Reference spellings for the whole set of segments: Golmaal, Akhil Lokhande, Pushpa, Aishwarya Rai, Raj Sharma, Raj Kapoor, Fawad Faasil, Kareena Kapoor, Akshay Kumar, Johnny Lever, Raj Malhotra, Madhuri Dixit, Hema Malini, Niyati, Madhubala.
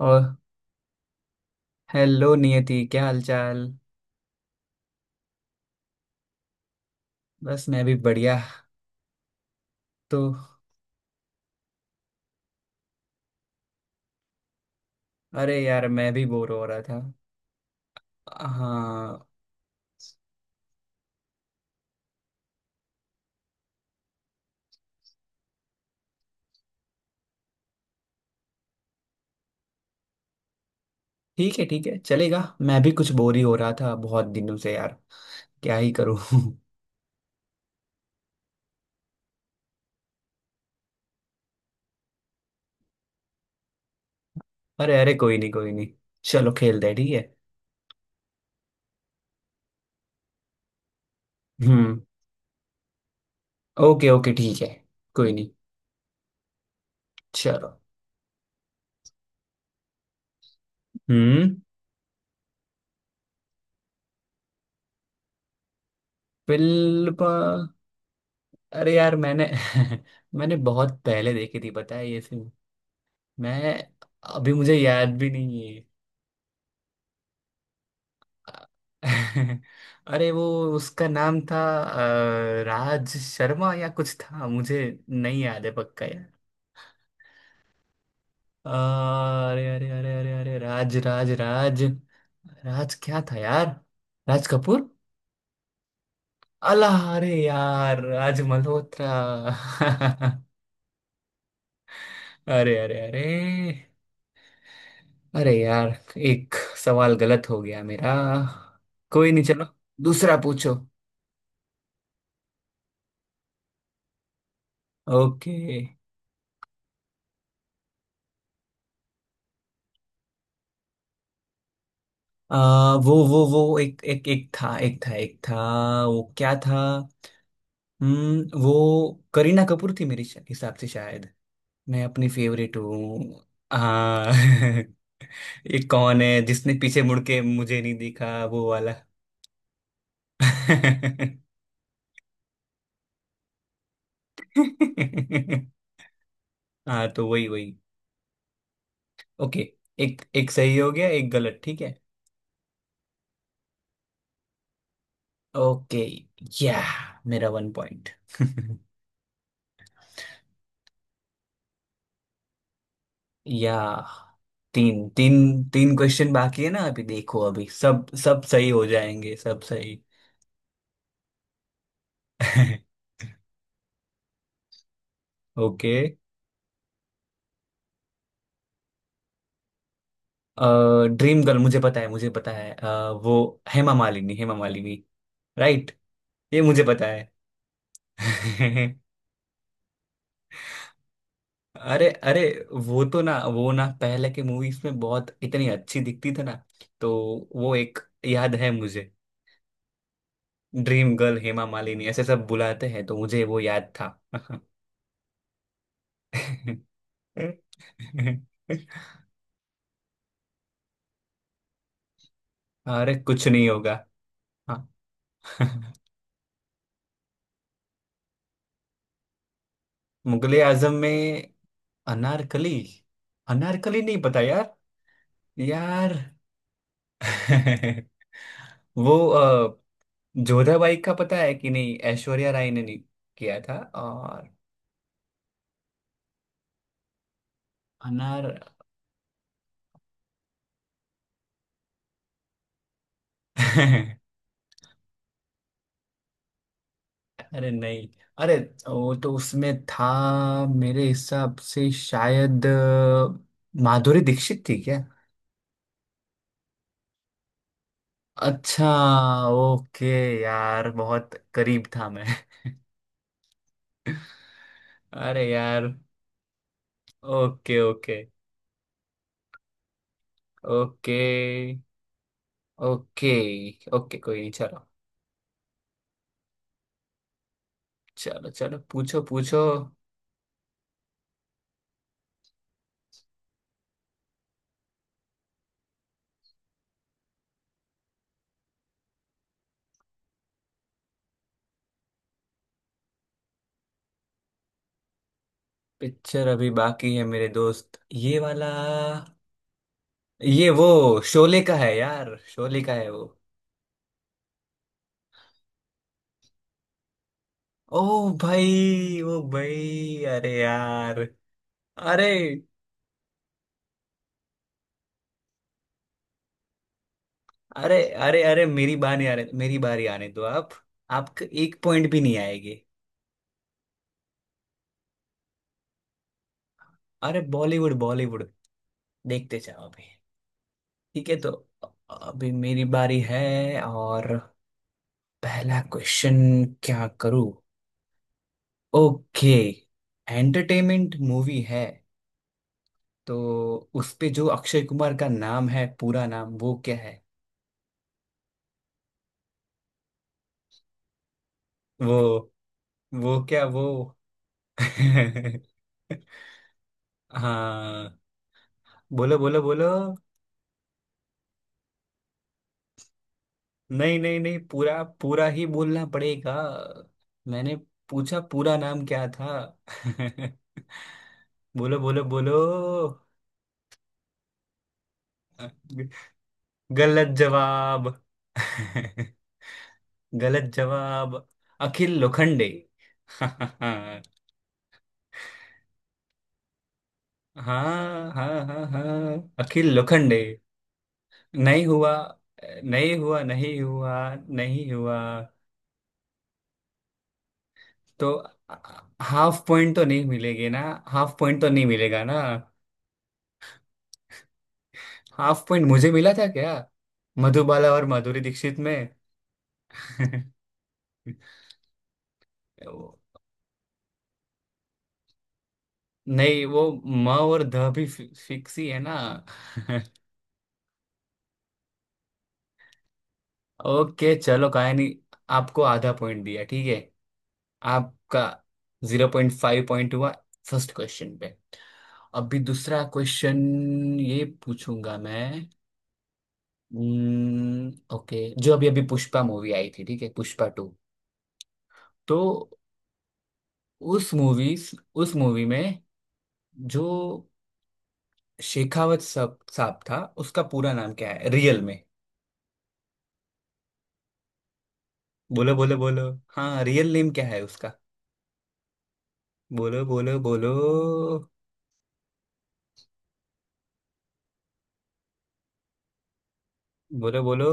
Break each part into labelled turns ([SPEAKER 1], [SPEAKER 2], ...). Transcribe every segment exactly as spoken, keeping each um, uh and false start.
[SPEAKER 1] और हेलो नियति, क्या हालचाल। बस मैं भी बढ़िया। तो अरे यार, मैं भी बोर हो रहा था। हाँ। ठीक है, ठीक है, चलेगा। मैं भी कुछ बोर ही हो रहा था बहुत दिनों से, यार। क्या ही करूँ। अरे, अरे, कोई नहीं, कोई नहीं। चलो, खेलते हैं। ठीक है। हम्म। ओके, ओके, ठीक है। कोई नहीं, चलो। हम्म। फिल्म पा- अरे यार, मैंने मैंने बहुत पहले देखी थी, पता है ये फिल्म। मैं अभी, मुझे याद भी नहीं। अरे वो, उसका नाम था अ, राज शर्मा या कुछ था, मुझे नहीं याद है पक्का, यार। अ, अरे, अरे, अरे, अरे, अरे, राज, राज, राज। राज क्या था यार? राज कपूर। अल्लाह! अरे यार, राज मल्होत्रा! अरे, अरे, अरे। अरे यार, एक सवाल गलत हो गया मेरा। कोई नहीं, चलो। दूसरा पूछो। ओके। आ, वो वो वो एक एक एक था एक था एक था वो क्या था? हम्म, वो करीना कपूर थी मेरे शा- हिसाब से, शायद। मैं अपनी फेवरेट हूँ। हाँ। ये कौन है जिसने पीछे मुड़ के मुझे नहीं दिखा, वो वाला? हाँ तो वही, वही। ओके। एक एक सही हो गया, एक गलत। ठीक है। ओके। या, मेरा वन पॉइंट! या, तीन तीन तीन क्वेश्चन बाकी है ना? अभी देखो, अभी सब सब सही हो जाएंगे, सब सही। ओके। ड्रीम गर्ल मुझे पता है, मुझे पता है। अ, वो हेमा मालिनी, हेमा मालिनी। राइट। ये मुझे पता है। अरे, अरे। वो तो ना, वो ना, पहले के मूवीज में बहुत, इतनी अच्छी दिखती थी ना। तो वो एक, याद है मुझे। ड्रीम गर्ल हेमा मालिनी ऐसे सब बुलाते हैं, तो मुझे वो याद था। अरे कुछ नहीं होगा। हाँ। मुगले आजम में अनारकली, अनारकली नहीं पता यार। यार। वो अ, जोधाबाई का पता है कि नहीं, ऐश्वर्या राय ने नहीं किया था, और अनार अरे नहीं। अरे, वो तो उसमें था, मेरे हिसाब से शायद अ, माधुरी दीक्षित थी। अच्छा। ओके। यार बहुत करीब था मैं। अरे यार। Okay, okay, okay, okay, okay, कोई नहीं, चलो। चलो, चलो, पूछो, पूछो। पिक्चर अभी बाकी है मेरे दोस्त, ये वाला। ये वो शोले का है यार, शोले का है वो। ओ भाई, ओ भाई, अरे यार। अरे, अरे, अरे, अरे, मेरी बारी आने मेरी बारी आने दो आप। आपका एक पॉइंट भी नहीं आएगी। अरे बॉलीवुड, बॉलीवुड, देखते जाओ अभी। ठीक है, तो अभी मेरी बारी है। और पहला क्वेश्चन, क्या करूं? ओके। एंटरटेनमेंट मूवी है, तो उस पे जो अक्षय कुमार का नाम है, पूरा नाम, वो क्या है? वो वो क्या वो? हाँ बोलो, बोलो, बोलो। नहीं, नहीं, नहीं, पूरा पूरा ही बोलना पड़ेगा। मैंने पूछा, पूरा नाम क्या था। बोलो, बोलो, बोलो। गलत जवाब। गलत जवाब। अखिल लोखंडे। हाँ। हाँ, हाँ, हाँ, अखिल लोखंडे। नहीं हुआ, नहीं हुआ, नहीं हुआ, नहीं हुआ। तो हाफ पॉइंट तो नहीं मिलेगी ना? हाफ पॉइंट तो नहीं मिलेगा ना? हाफ पॉइंट मुझे मिला था क्या, मधुबाला और माधुरी दीक्षित में? वो- नहीं, वो म और ध भी फि- फिक्स ही है ना? ओके चलो, काय नहीं। आपको आधा पॉइंट दिया, ठीक है। आपका जीरो पॉइंट फाइव पॉइंट हुआ फर्स्ट क्वेश्चन पे। अभी दूसरा क्वेश्चन ये पूछूंगा मैं। हम्म, ओके। जो अभी अभी पुष्पा मूवी आई थी, ठीक है, पुष्पा टू। तो उस मूवी उस मूवी में जो शेखावत साहब साहब था, उसका पूरा नाम क्या है रियल में? बोलो, बोलो, बोलो। हाँ, रियल नेम क्या है उसका? बोलो, बोलो, बोलो, बोलो, बोलो।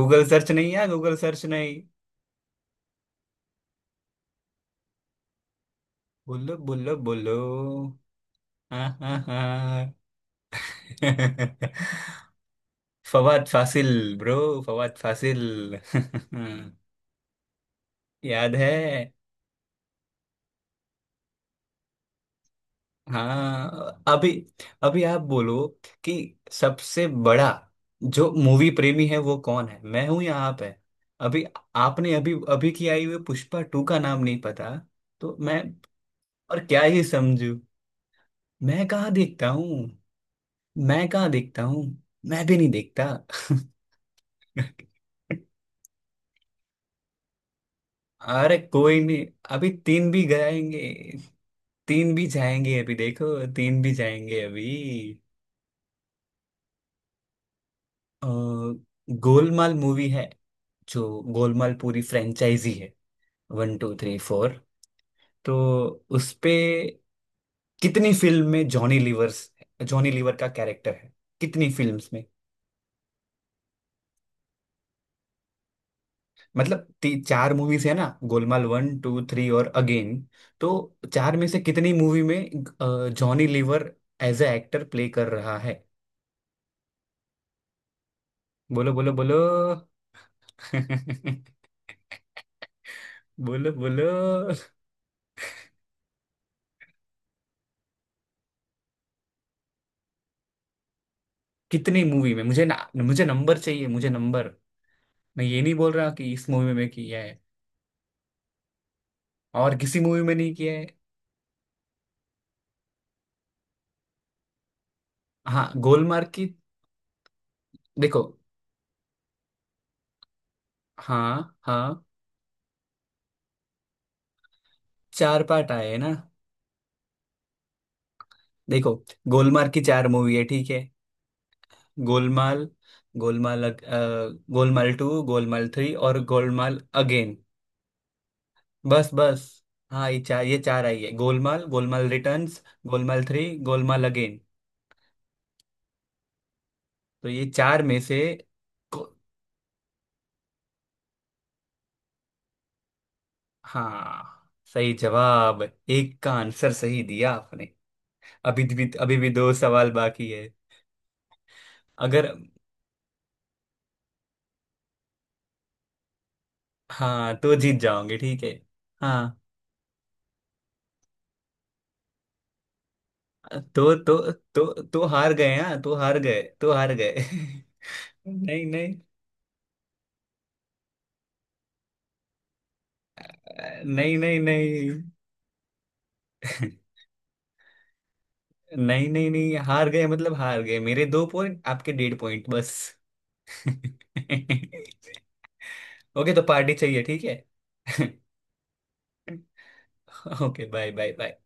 [SPEAKER 1] गूगल सर्च नहीं है, गूगल सर्च नहीं। बोलो, बोलो, बोलो। हाँ, हाँ, हाँ। फवाद फासिल ब्रो, फवाद फासिल। याद है। हाँ, अभी अभी आप बोलो कि सबसे बड़ा जो मूवी प्रेमी है, वो कौन है? मैं हूं या आप है? अभी आपने अभी अभी की आई हुई पुष्पा टू का नाम नहीं पता, तो मैं और क्या ही समझू। मैं कहाँ देखता हूँ, मैं कहाँ देखता हूँ? मैं भी नहीं देखता। अरे कोई नहीं। अभी तीन भी गएंगे, तीन भी जाएंगे अभी, देखो, तीन भी जाएंगे अभी। अ, गोलमाल मूवी है, जो गोलमाल पूरी फ्रेंचाइजी है। One, two, three, four. तो उसपे कितनी फिल्म में, जॉनी लीवर्स जॉनी लीवर का कैरेक्टर है, कितनी फिल्म्स में? मतलब ती, चार मूवीज है ना, गोलमाल वन, टू, थ्री और अगेन। तो चार में से कितनी मूवी में अ, Johnny Lever as a actor play कर रहा है? बोलो, बोलो, बोलो। बोलो, बोलो। कितनी मूवी में? मुझे ना मुझे नंबर चाहिए, मुझे नंबर। मैं ये नहीं बोल रहा कि इस मूवी में किया है और किसी मूवी में नहीं किया है। हाँ गोलमार्ग की। देखो। हाँ, हाँ। चार पार्ट आए हैं ना? देखो, गोलमार्ग की चार मूवी है, ठीक है। गोलमाल, गोलमाल अग- अ, गोलमाल टू, गोलमाल थ्री और गोलमाल अगेन। बस, बस। हाँ, ये चार ये चार आई है: Golmaal, Golmaal returns, Golmaal three, Golmaal again. तो ये चार में से को- हाँ, सही जवाब। एक का आंसर सही दिया आपने। अभी भी अभी भी दो सवाल बाकी है। अगर हाँ तो जीत जाओगे, ठीक है। हाँ तो तो तो तो हार गए, हाँ तो हार गए, तो हार गए। नहीं, नहीं, अ, नहीं, नहीं, नहीं। नहीं, नहीं, नहीं, हार गए मतलब हार गए। मेरे दो पॉइंट, आपके डेढ़ पॉइंट, बस। ओके तो पार्टी चाहिए, ठीक है। Okay, bye, bye, bye.